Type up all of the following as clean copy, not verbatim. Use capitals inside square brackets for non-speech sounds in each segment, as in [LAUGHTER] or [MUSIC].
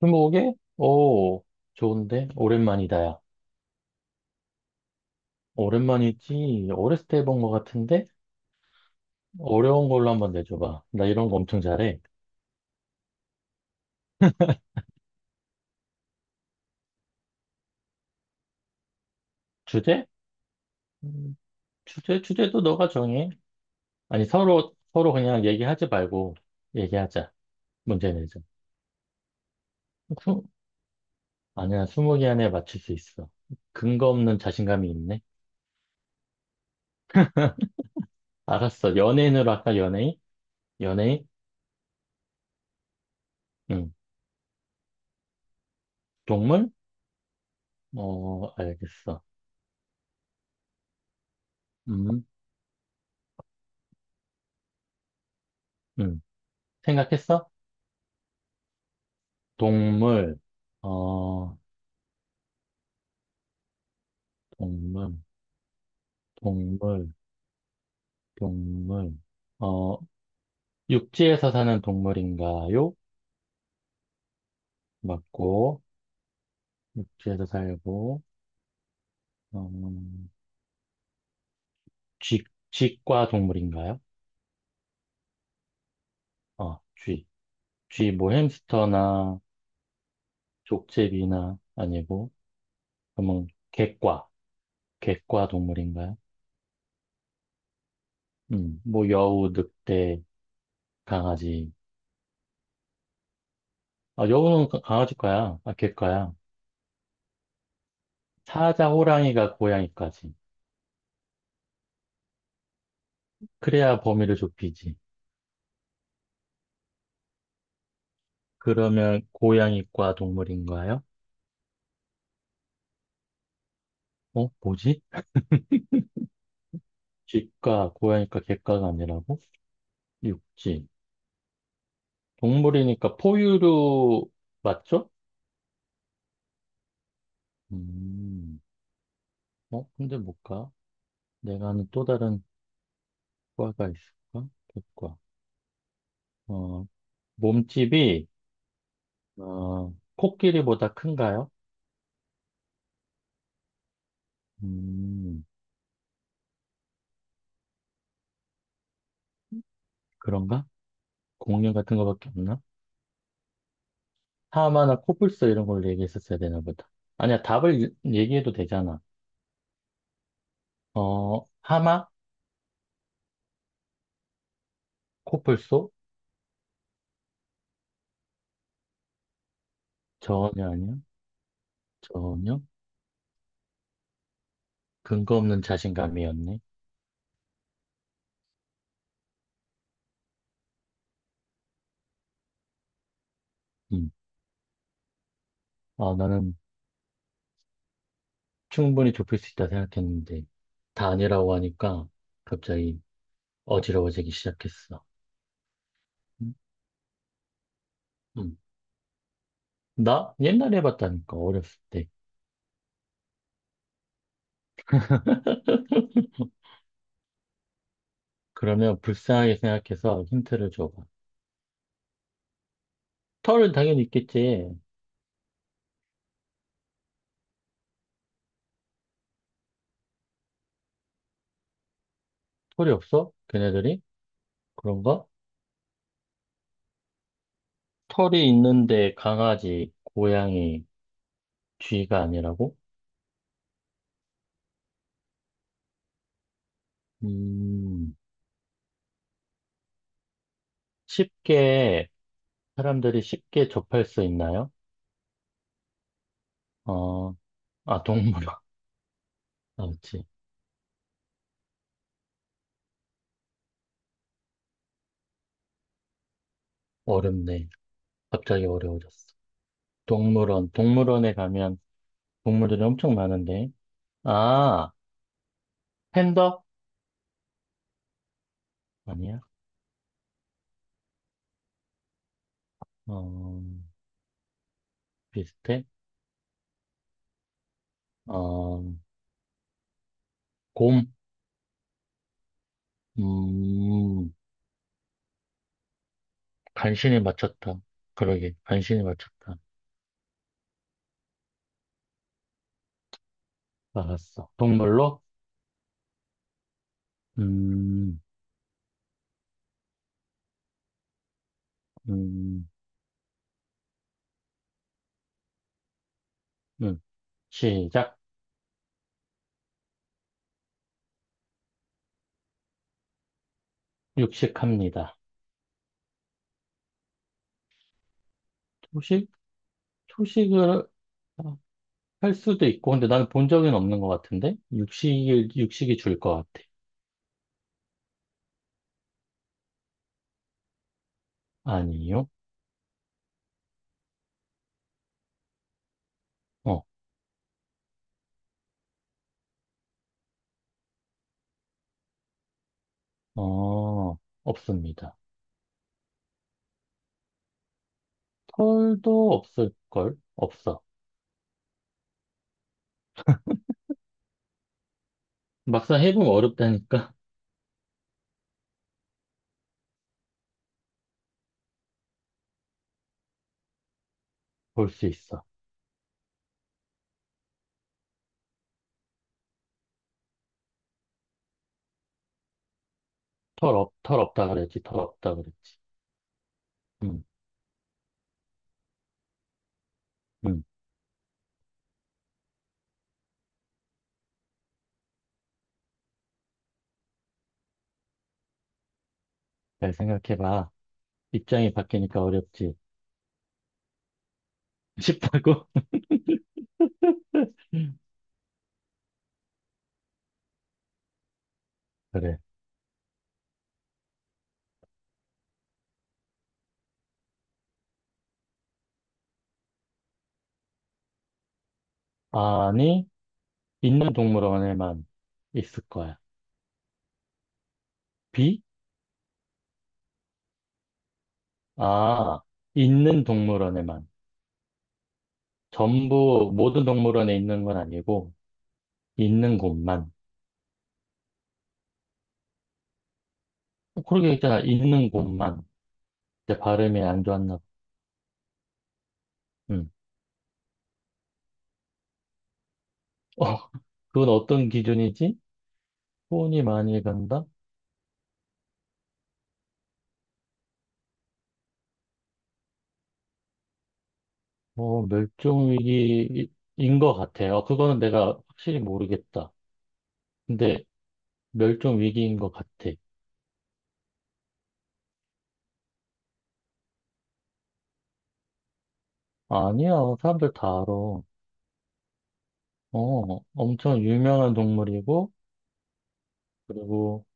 스무고개? 오, 좋은데? 오랜만이다, 야. 오랜만이지. 어렸을 때 해본 것 같은데? 어려운 걸로 한번 내줘봐. 나 이런 거 엄청 잘해. 주제? 음, 주제, 주제도 너가 정해. 아니, 서로, 서로 그냥 얘기하지 말고 얘기하자. 문제 내자. 스- 아니야, 스무 개 안에 맞출 수 있어. 근거 없는 자신감이 있네. 알았어. 연예인으로 할까, 연예인? 연예인? 응. 동물? 어, 알겠어. 음, 음. 생각했어? 동물, 어, 동물, 동물, 동물, 어, 육지에서 사는 동물인가요? 맞고, 육지에서 살고, 음, 쥐, 쥐과 동물인가요? 어, 쥐. 쥐, 뭐 햄스터나 족제비나 아니고, 그러면 개과, 개과 동물인가요? 뭐 여우, 늑대, 강아지. 아, 여우는 강아지과야. 아, 개과야. 사자, 호랑이가 고양이까지. 그래야 범위를 좁히지. 그러면 고양이과 동물인가요? 어, 뭐지? 쥐과, 고양이과, 개과가 아니라고? 육지. 동물이니까 포유류 맞죠? 음, 어, 근데 뭘까? 내가 아는 또 다른 과가 있을까? 개과. 어, 몸집이, 어, 코끼리보다 큰가요? 음, 그런가? 공룡 같은 거밖에 없나? 하마나 코뿔소 이런 걸로 얘기했었어야 되나 보다. 아니야, 답을 얘기해도 되잖아. 어, 하마? 코뿔소? 전혀 아니야. 전혀. 근거 없는 자신감이었네. 음. 아, 나는 충분히 좁힐 수 있다 생각했는데, 다 아니라고 하니까 갑자기 어지러워지기 시작했어. 음. 음. 나 옛날에 해봤다니까, 어렸을 때. 그러면 불쌍하게 생각해서 힌트를 줘봐. 털은 당연히 있겠지. 털이 없어? 걔네들이? 그런가? 털이 있는데 강아지, 고양이, 쥐가 아니라고? 음, 쉽게 사람들이 쉽게 접할 수 있나요? 어, 아, 동물원. [LAUGHS] 아, 그치. 어렵네. 갑자기 어려워졌어. 동물원. 동물원에 가면 동물들이 엄청 많은데. 아, 팬더? 아니야. 어, 비슷해. 어, 곰. 음, 간신히 맞췄다. 그러게, 간신히 맞췄다. 알았어. 동물로? 음, 음, 음. 시작. 육식합니다. 초식? 초식을, 아, 할 수도 있고, 근데 나는 본 적은 없는 것 같은데? 육식이 줄 것 같아. 아니요? 어, 어, 없습니다. 털도 없을걸? 없어. 막상 해보면 어렵다니까? [LAUGHS] 볼 수 있어. 털 없다 그랬지, 털 없다 그랬지. 음, 음, 잘 생각해봐. 입장이 바뀌니까 어렵지. [LAUGHS] 싶다고? 그래. 아니, 있는 동물원에만 있을 거야. 비? 아, 있는 동물원에만. 전부 모든 동물원에 있는 건 아니고 있는 곳만. 어, 그러게 있잖아. 있는 곳만. 이제 발음이 안 좋았나 봐. 음. 어, 그건 어떤 기준이지? 손이 많이 간다? 어, 멸종위기인 것 같아. 요 그거는 내가 확실히 모르겠다. 근데 멸종위기인 것 같아. 아니야. 사람들 다 알아. 어, 엄청 유명한 동물이고, 그리고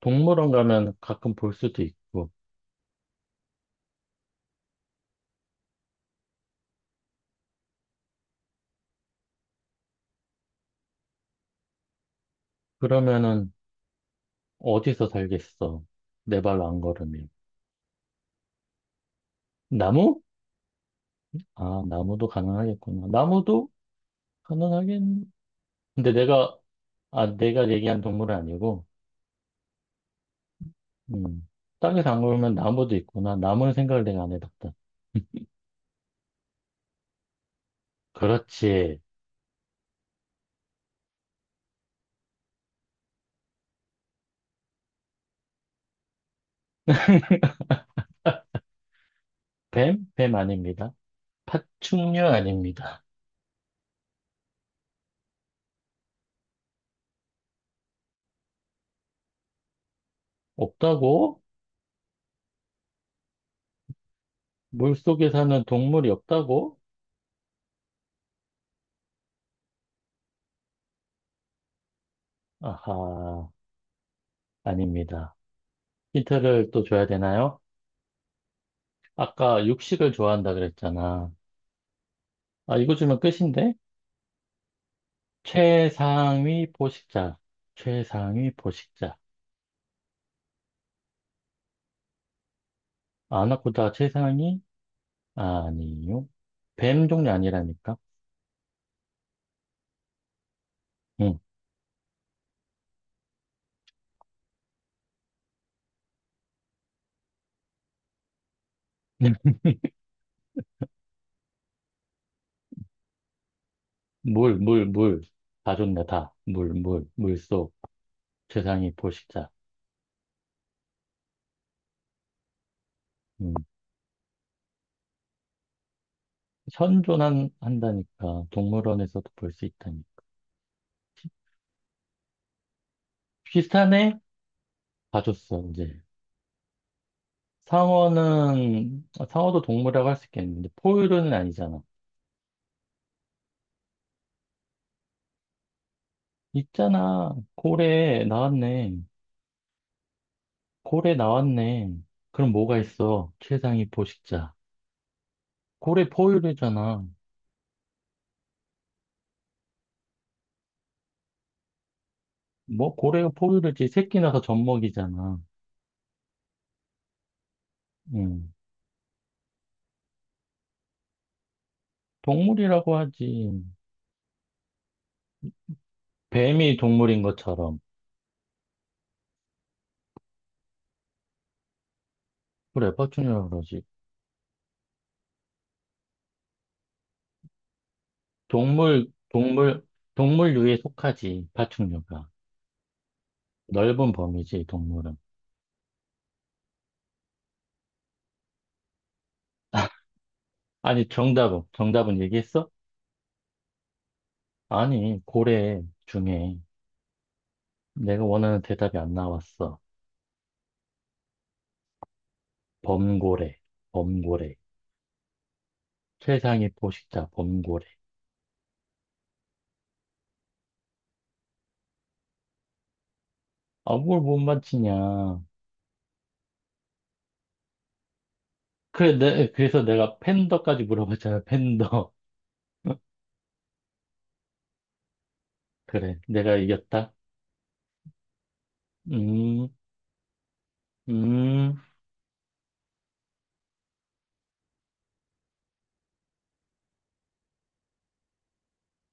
동물원 가면 가끔 볼 수도 있고. 그러면은 어디서 살겠어? 내 발로 안 걸으면. 나무? 아, 나무도 가능하겠구나. 나무도 가능하긴. 근데 내가, 아, 내가 얘기한 동물은 아니고, 음, 땅에서 안 걸으면 나무도 있구나. 나무는 생각을 내가 안 해봤다. 그렇지. 뱀? 뱀 아닙니다. 파충류 아닙니다. 없다고? 물속에 사는 동물이 없다고? 아하, 아닙니다. 힌트를 또 줘야 되나요? 아까 육식을 좋아한다 그랬잖아. 아, 이거 주면 끝인데? 최상위 포식자. 최상위 포식자. 아나코다 최상위? 아니요. 뱀 종류 아니라니까? 응. [LAUGHS] 물. 다 좋네, 다. 물속. 최상위 포식자. 음. 한다니까. 동물원에서도 볼 수 있다니. 비슷하네? 다 줬어, 이제. 아, 상어도 동물이라고 할 수 있겠는데, 포유류는 아니잖아. 있잖아. 고래, 나왔네. 고래 나왔네. 그럼 뭐가 있어? 최상위 포식자. 고래 포유류잖아. 뭐 고래가 포유류지 새끼 나서 젖먹이잖아. 응. 동물이라고 하지. 뱀이 동물인 것처럼. 그래, 파충류라고 그러지. 동물, 동물, 동물류에 속하지, 파충류가. 넓은 범위지, 동물은. [LAUGHS] 정답은 얘기했어? 아니, 고래 중에 내가 원하는 대답이 안 나왔어. 범고래, 범고래. 세상의 포식자 범고래. 아, 뭘 못 맞히냐. 그래서 내가 팬더까지 물어봤잖아, 팬더. [LAUGHS] 그래, 내가 이겼다. 음, 음.